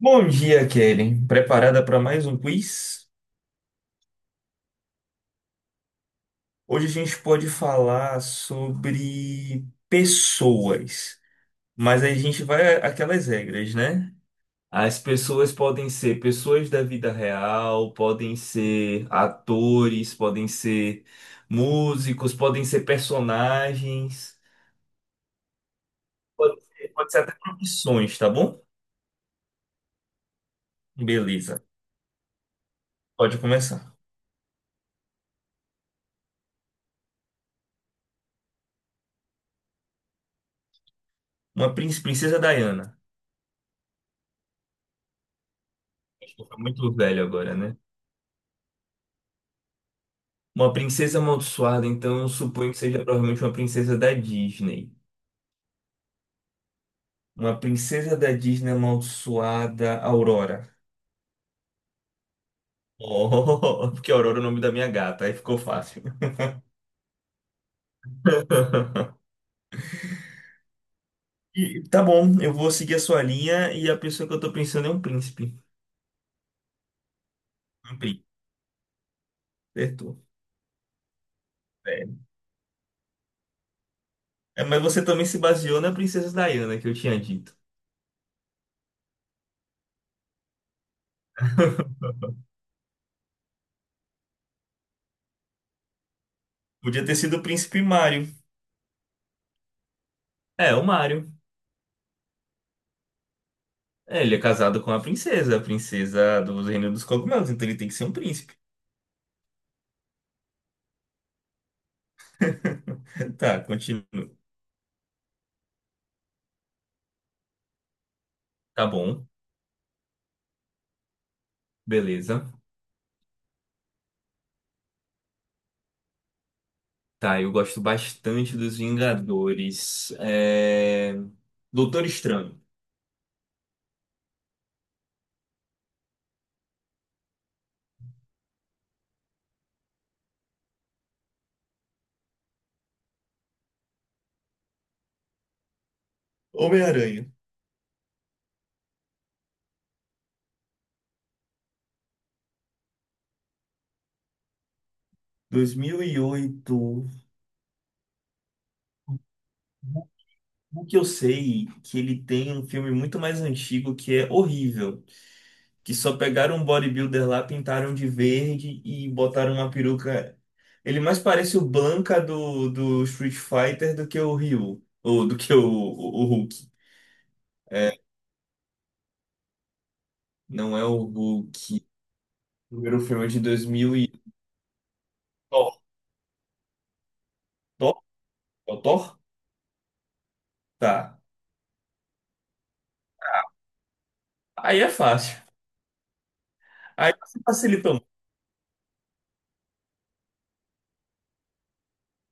Bom dia, Kelly. Preparada para mais um quiz? Hoje a gente pode falar sobre pessoas, mas aí a gente vai àquelas regras, né? As pessoas podem ser pessoas da vida real, podem ser atores, podem ser músicos, podem ser personagens, pode ser até profissões, tá bom? Beleza. Pode começar. Uma princesa Diana. Estou muito velho agora, né? Uma princesa amaldiçoada, então eu suponho que seja provavelmente uma princesa da Disney. Uma princesa da Disney amaldiçoada, Aurora. Oh, porque Aurora é o nome da minha gata, aí ficou fácil. Tá bom, eu vou seguir a sua linha e a pessoa que eu tô pensando é um príncipe. Um príncipe, certo é. É, mas você também se baseou na princesa Diana que eu tinha dito. Podia ter sido o príncipe Mário. É, o Mário. É, ele é casado com a princesa do Reino dos Cogumelos, então ele tem que ser um príncipe. Tá, continua. Tá bom, beleza. Tá, eu gosto bastante dos Vingadores. Doutor Estranho. Homem-Aranha. 2008. O que eu sei, que ele tem um filme muito mais antigo que é horrível, que só pegaram um bodybuilder lá, pintaram de verde e botaram uma peruca. Ele mais parece o Blanca do Street Fighter do que o Ryu, ou do que o Hulk. É, não é o Hulk. Primeiro filme é de dois mil e... Thor, Thor, é o Thor? Tá. Aí é fácil. Aí você facilita muito.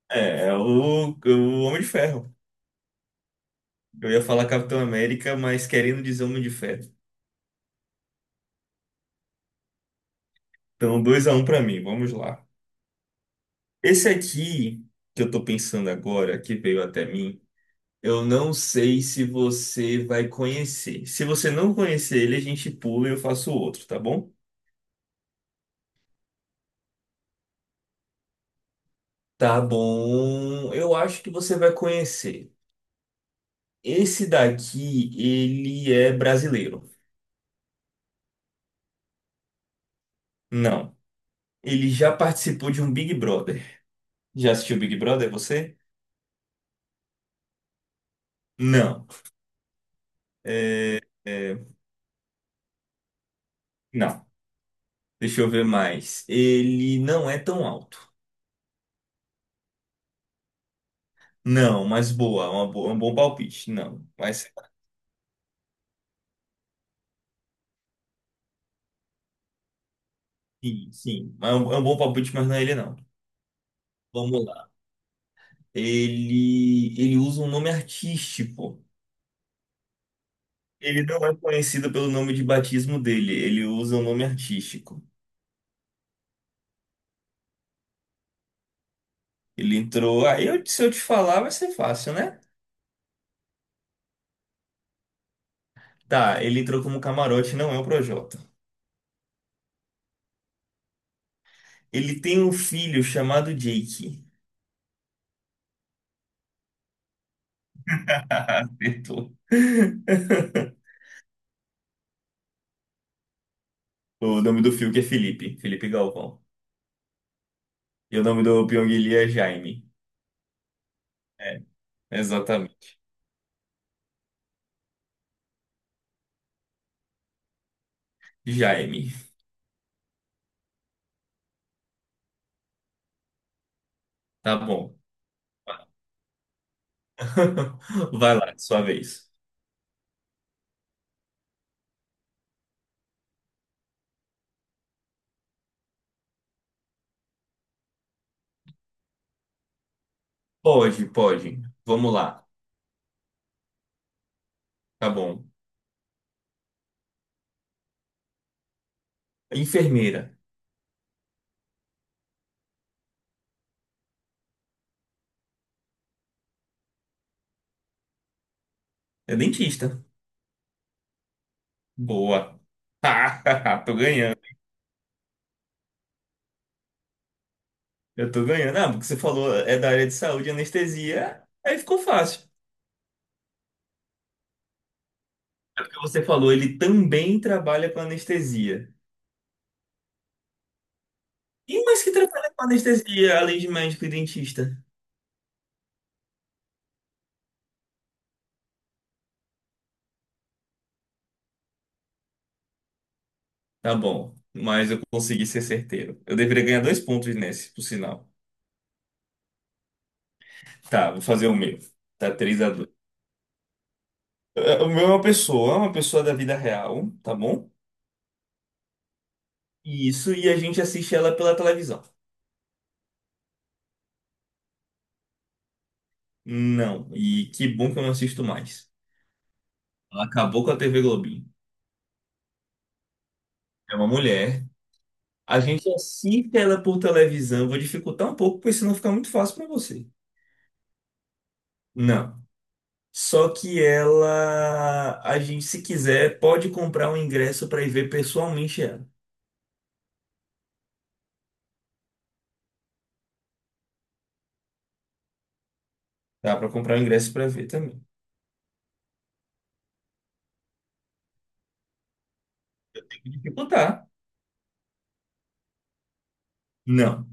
É, é o Homem de Ferro. Eu ia falar Capitão América, mas querendo dizer Homem de Ferro. Então, 2 a um para mim, vamos lá. Esse aqui que eu tô pensando agora, que veio até mim, eu não sei se você vai conhecer. Se você não conhecer ele, a gente pula e eu faço outro, tá bom? Tá bom. Eu acho que você vai conhecer. Esse daqui, ele é brasileiro. Não. Ele já participou de um Big Brother. Já assistiu Big Brother, você? Não. É, não. Deixa eu ver mais. Ele não é tão alto. Não, mas boa. É um bom palpite. Não. Mas sim, sim. Mas é um, é um bom palpite, mas não é ele, não. Vamos lá. Ele usa um nome artístico. Ele não é conhecido pelo nome de batismo dele. Ele usa um nome artístico. Ele entrou. Aí, se eu te falar, vai ser fácil, né? Tá, ele entrou como camarote, não é o Projota. Ele tem um filho chamado Jake. Acertou. O nome do Fiuk é Felipe, Felipe Galvão. E o nome do Pyong Lee é Jaime. É, exatamente. Jaime. Tá bom. Vai lá, sua vez. Pode, pode. Vamos lá. Tá bom. Enfermeira. É dentista. Boa. Tô ganhando. Eu tô ganhando. Ah, porque você falou é da área de saúde, anestesia. Aí ficou fácil. É porque você falou, ele também trabalha com anestesia. E mais que trabalha com anestesia, além de médico e dentista? Tá bom, mas eu consegui ser certeiro. Eu deveria ganhar dois pontos nesse, por sinal. Tá, vou fazer o meu. Tá 3 a dois. O meu é uma pessoa da vida real, tá bom? Isso, e a gente assiste ela pela televisão. Não, e que bom que eu não assisto mais. Ela acabou com a TV Globinho. É uma mulher. A gente assiste ela por televisão. Vou dificultar um pouco, porque senão fica muito fácil pra você. Não. Só que ela, a gente, se quiser, pode comprar um ingresso para ir ver pessoalmente ela. Dá para comprar um ingresso para ver também. Tem que dificultar. Não.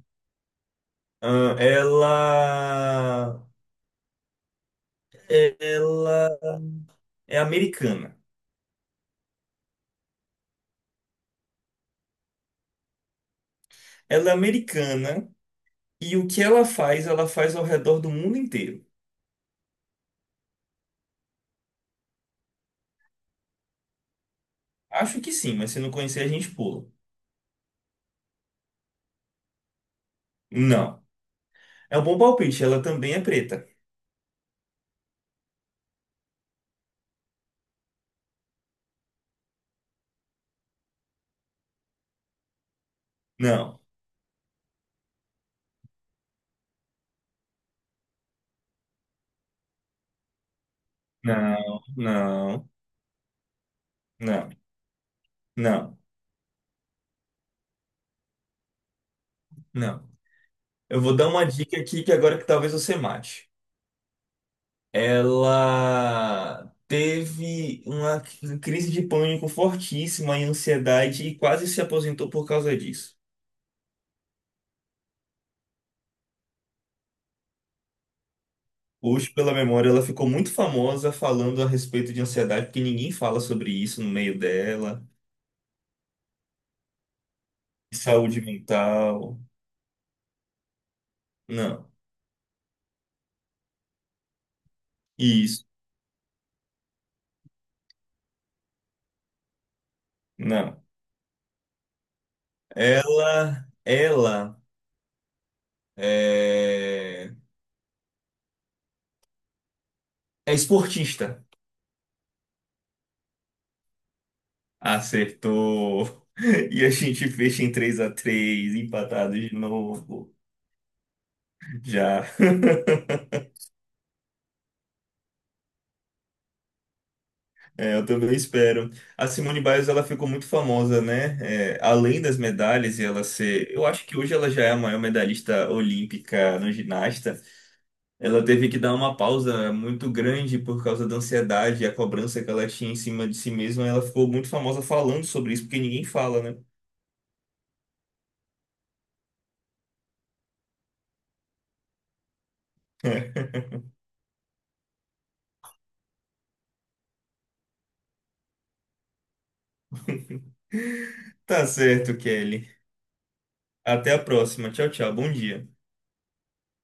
Ah, ela é americana. Ela é americana e o que ela faz ao redor do mundo inteiro. Acho que sim, mas se não conhecer, a gente pula. Não. É um bom palpite. Ela também é preta. Não. Não, não, não, não, não. Eu vou dar uma dica aqui que agora que talvez você mate. Ela teve uma crise de pânico fortíssima e ansiedade e quase se aposentou por causa disso. Hoje, pela memória, ela ficou muito famosa falando a respeito de ansiedade, porque ninguém fala sobre isso no meio dela. Saúde mental. Não. Isso. Não. Ela é, é esportista. Acertou. E a gente fecha em três a três, empatado de novo. Já. É, eu também espero. A Simone Biles, ela ficou muito famosa, né? É, além das medalhas e ela ser... Eu acho que hoje ela já é a maior medalhista olímpica no ginasta. Ela teve que dar uma pausa muito grande por causa da ansiedade e a cobrança que ela tinha em cima de si mesma. Ela ficou muito famosa falando sobre isso, porque ninguém fala, né? Tá certo, Kelly. Até a próxima. Tchau, tchau. Bom dia.